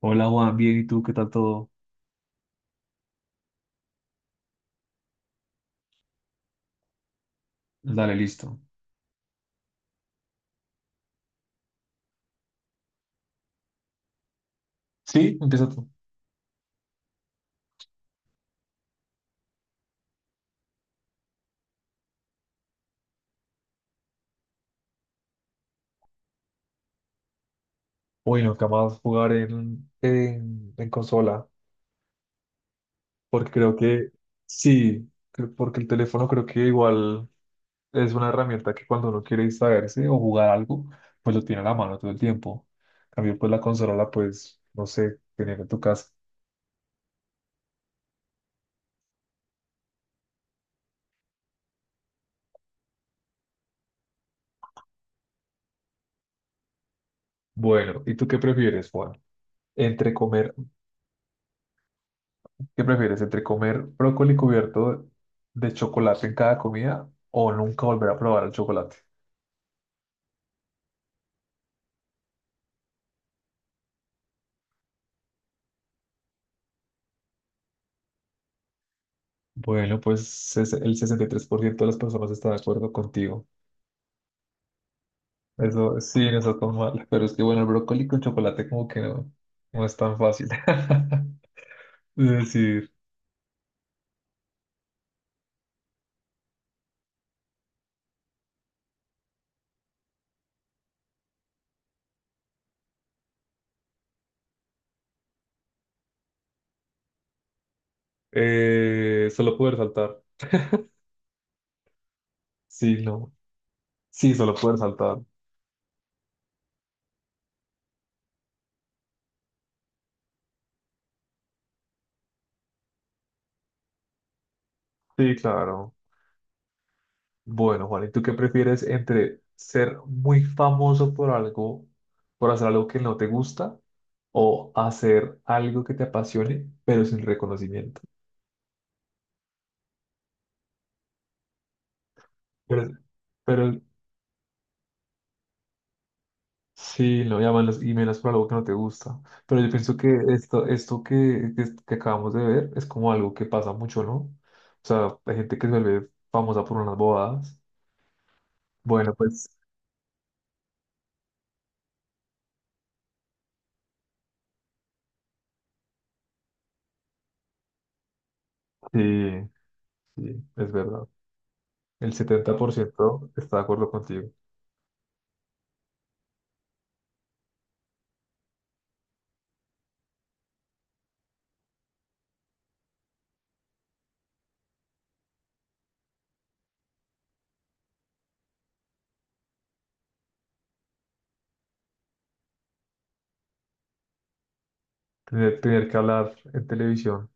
Hola Juan, bien, ¿y tú qué tal todo? Dale, listo. Sí, empieza tú. Uy, nunca más jugar en consola, porque creo que sí, porque el teléfono creo que igual es una herramienta que cuando uno quiere distraerse o jugar algo, pues lo tiene a la mano todo el tiempo. En cambio, pues la consola la puedes, no sé, tener en tu casa. Bueno, ¿y tú qué prefieres, Juan? Entre comer, ¿qué prefieres? ¿Entre comer brócoli cubierto de chocolate en cada comida o nunca volver a probar el chocolate? Bueno, pues el 63% de las personas está de acuerdo contigo. Eso sí, no está tan mal. Pero es que, bueno, el brócoli con chocolate como que no, no es tan fácil de decir. Solo poder saltar. Sí, no. Sí, solo poder saltar. Sí, claro. Bueno, Juan, ¿y tú qué prefieres entre ser muy famoso por algo, por hacer algo que no te gusta, o hacer algo que te apasione, pero sin reconocimiento? Pero, pero sí, lo llaman los emails por algo que no te gusta. Pero yo pienso que esto que acabamos de ver es como algo que pasa mucho, ¿no? O sea, hay gente que se vuelve famosa por unas bobadas. Bueno, pues sí, sí, es verdad. El 70% está de acuerdo contigo. Tener que hablar en televisión,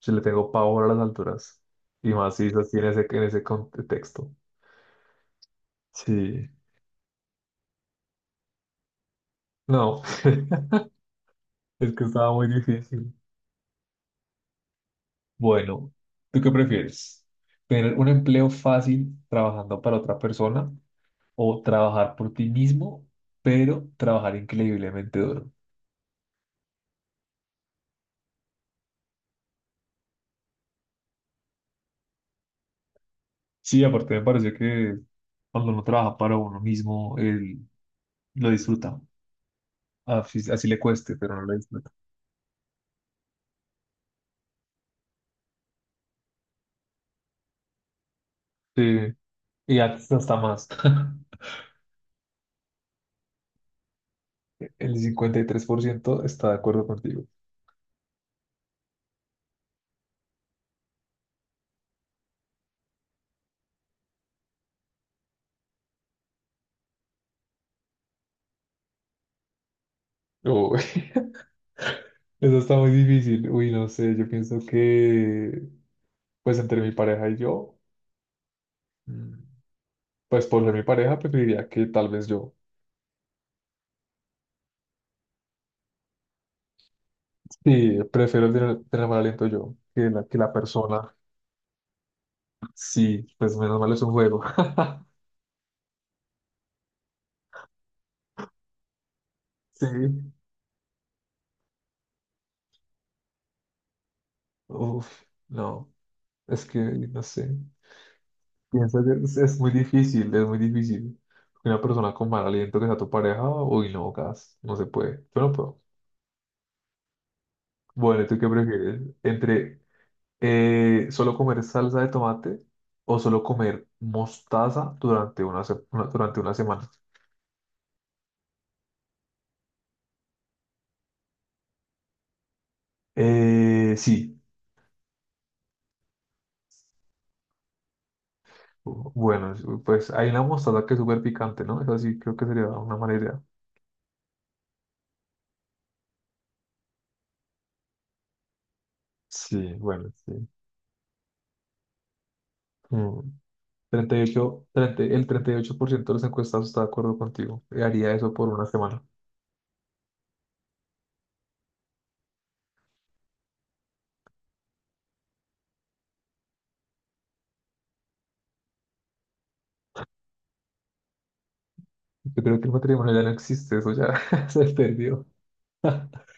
yo le tengo pavor a las alturas. Y más si es así en ese contexto. Sí, no, es que estaba muy difícil. Bueno, ¿tú qué prefieres? ¿Tener un empleo fácil trabajando para otra persona o trabajar por ti mismo, pero trabajar increíblemente duro? Sí, aparte me parece que cuando uno trabaja para uno mismo, él lo disfruta. Así, así le cueste, pero no lo disfruta. Sí, y hasta más. El 53% está de acuerdo contigo. Uy, eso está muy difícil. Uy, no sé, yo pienso que, pues entre mi pareja y yo, mm, pues por ser mi pareja, preferiría que tal vez yo. Sí, prefiero tener mal aliento yo que la persona. Sí, pues menos mal es un juego. Sí, uff, no, es que no sé. Pienso que es muy difícil, es muy difícil. Una persona con mal aliento que sea tu pareja, uy, no, gas, no se puede. Yo no puedo. Bueno, ¿tú qué prefieres? ¿Entre solo comer salsa de tomate o solo comer mostaza durante una semana? Sí, bueno, pues hay una mostaza que es súper picante, ¿no? Eso sí, creo que sería una mala idea. Sí, bueno, sí. Mm, 38 30 el 38% de los encuestados está de acuerdo contigo. Haría eso por una semana. Yo creo que el matrimonio ya no existe, eso ya se perdió.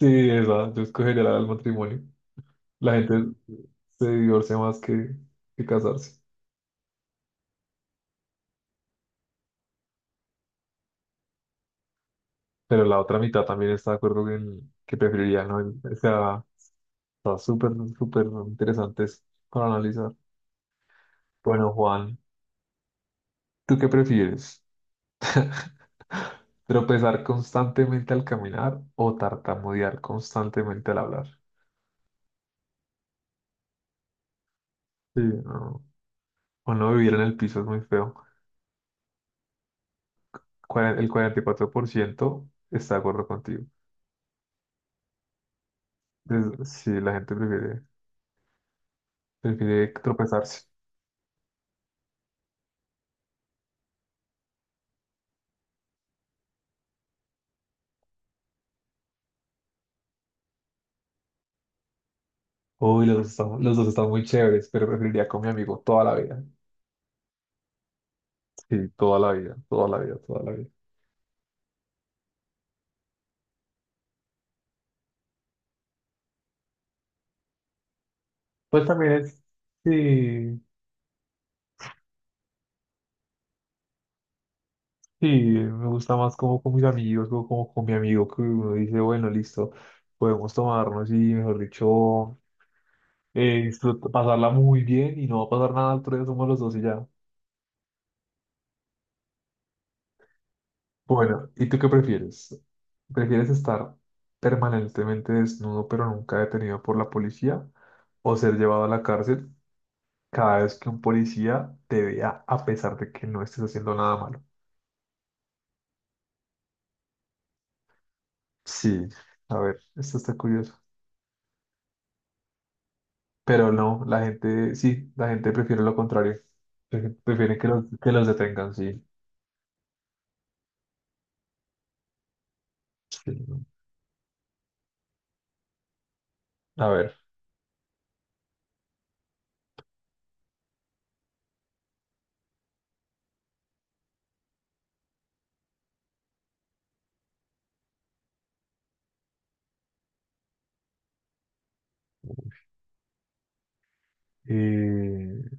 Sí, esa, yo escogería el matrimonio. La gente se divorcia más que casarse. Pero la otra mitad también está de acuerdo en que preferiría, ¿no? O sea, está súper, súper interesante eso para analizar. Bueno, Juan, ¿tú qué prefieres? ¿Tropezar constantemente al caminar o tartamudear constantemente al hablar? Sí, no. O no vivir en el piso es muy feo. El 44% está de acuerdo contigo. Es- sí, la gente prefiere tropezarse. Uy, los dos están muy chéveres, pero preferiría con mi amigo toda la vida. Sí, toda la vida, toda la vida, toda la vida. Pues también es, sí, sí, me gusta más como con mis amigos, como, como con mi amigo, que uno dice, bueno, listo, podemos tomarnos y, mejor dicho, pasarla muy bien y no va a pasar nada, al otro día somos los dos y ya. Bueno, ¿y tú qué prefieres? ¿Prefieres estar permanentemente desnudo pero nunca detenido por la policía, o ser llevado a la cárcel cada vez que un policía te vea a pesar de que no estés haciendo nada malo? Sí, a ver, esto está curioso. Pero no, la gente, sí, la gente prefiere lo contrario. Prefiere que los detengan, sí. Sí, no. A ver, eh,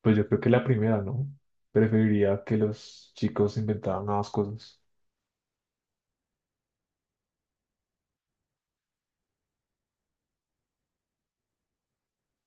pues yo creo que la primera, ¿no? Preferiría que los chicos inventaran nuevas cosas.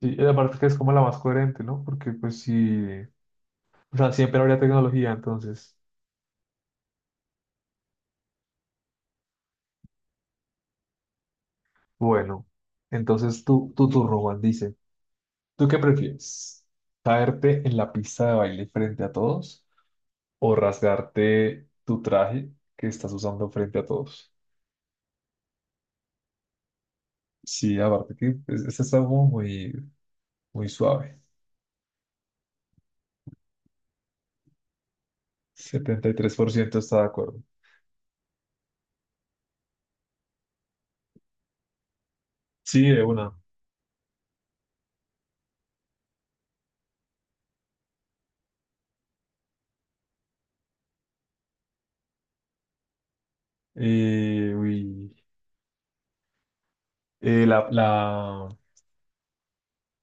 Sí, y aparte que es como la más coherente, ¿no? Porque pues sí, o sea, siempre habría tecnología, entonces, bueno, entonces tú, tu turno, Juan, dice. ¿Tú qué prefieres? ¿Caerte en la pista de baile frente a todos o rasgarte tu traje que estás usando frente a todos? Sí, aparte que pues, este está como muy, muy suave. 73% está de acuerdo. Sí, de una. Uy. Eh, la, la...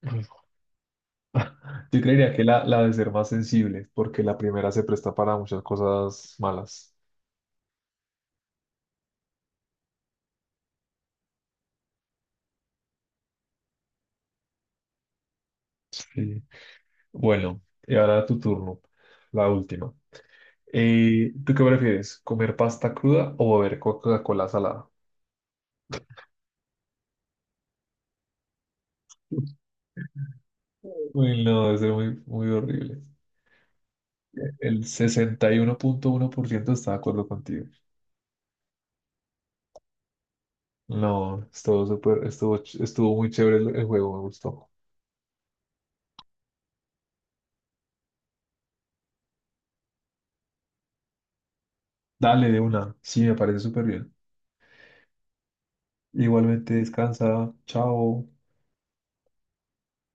Yo creería que la de ser más sensible, porque la primera se presta para muchas cosas malas. Sí. Bueno, y ahora tu turno, la última. ¿Tú qué prefieres? ¿Comer pasta cruda o beber Coca-Cola salada? Uy, no, eso es muy, muy horrible. El sesenta y uno uno punto uno por ciento está de acuerdo contigo. No, estuvo súper, estuvo, estuvo muy chévere el juego, me gustó. Dale de una, sí, me parece súper bien. Igualmente descansa, chao.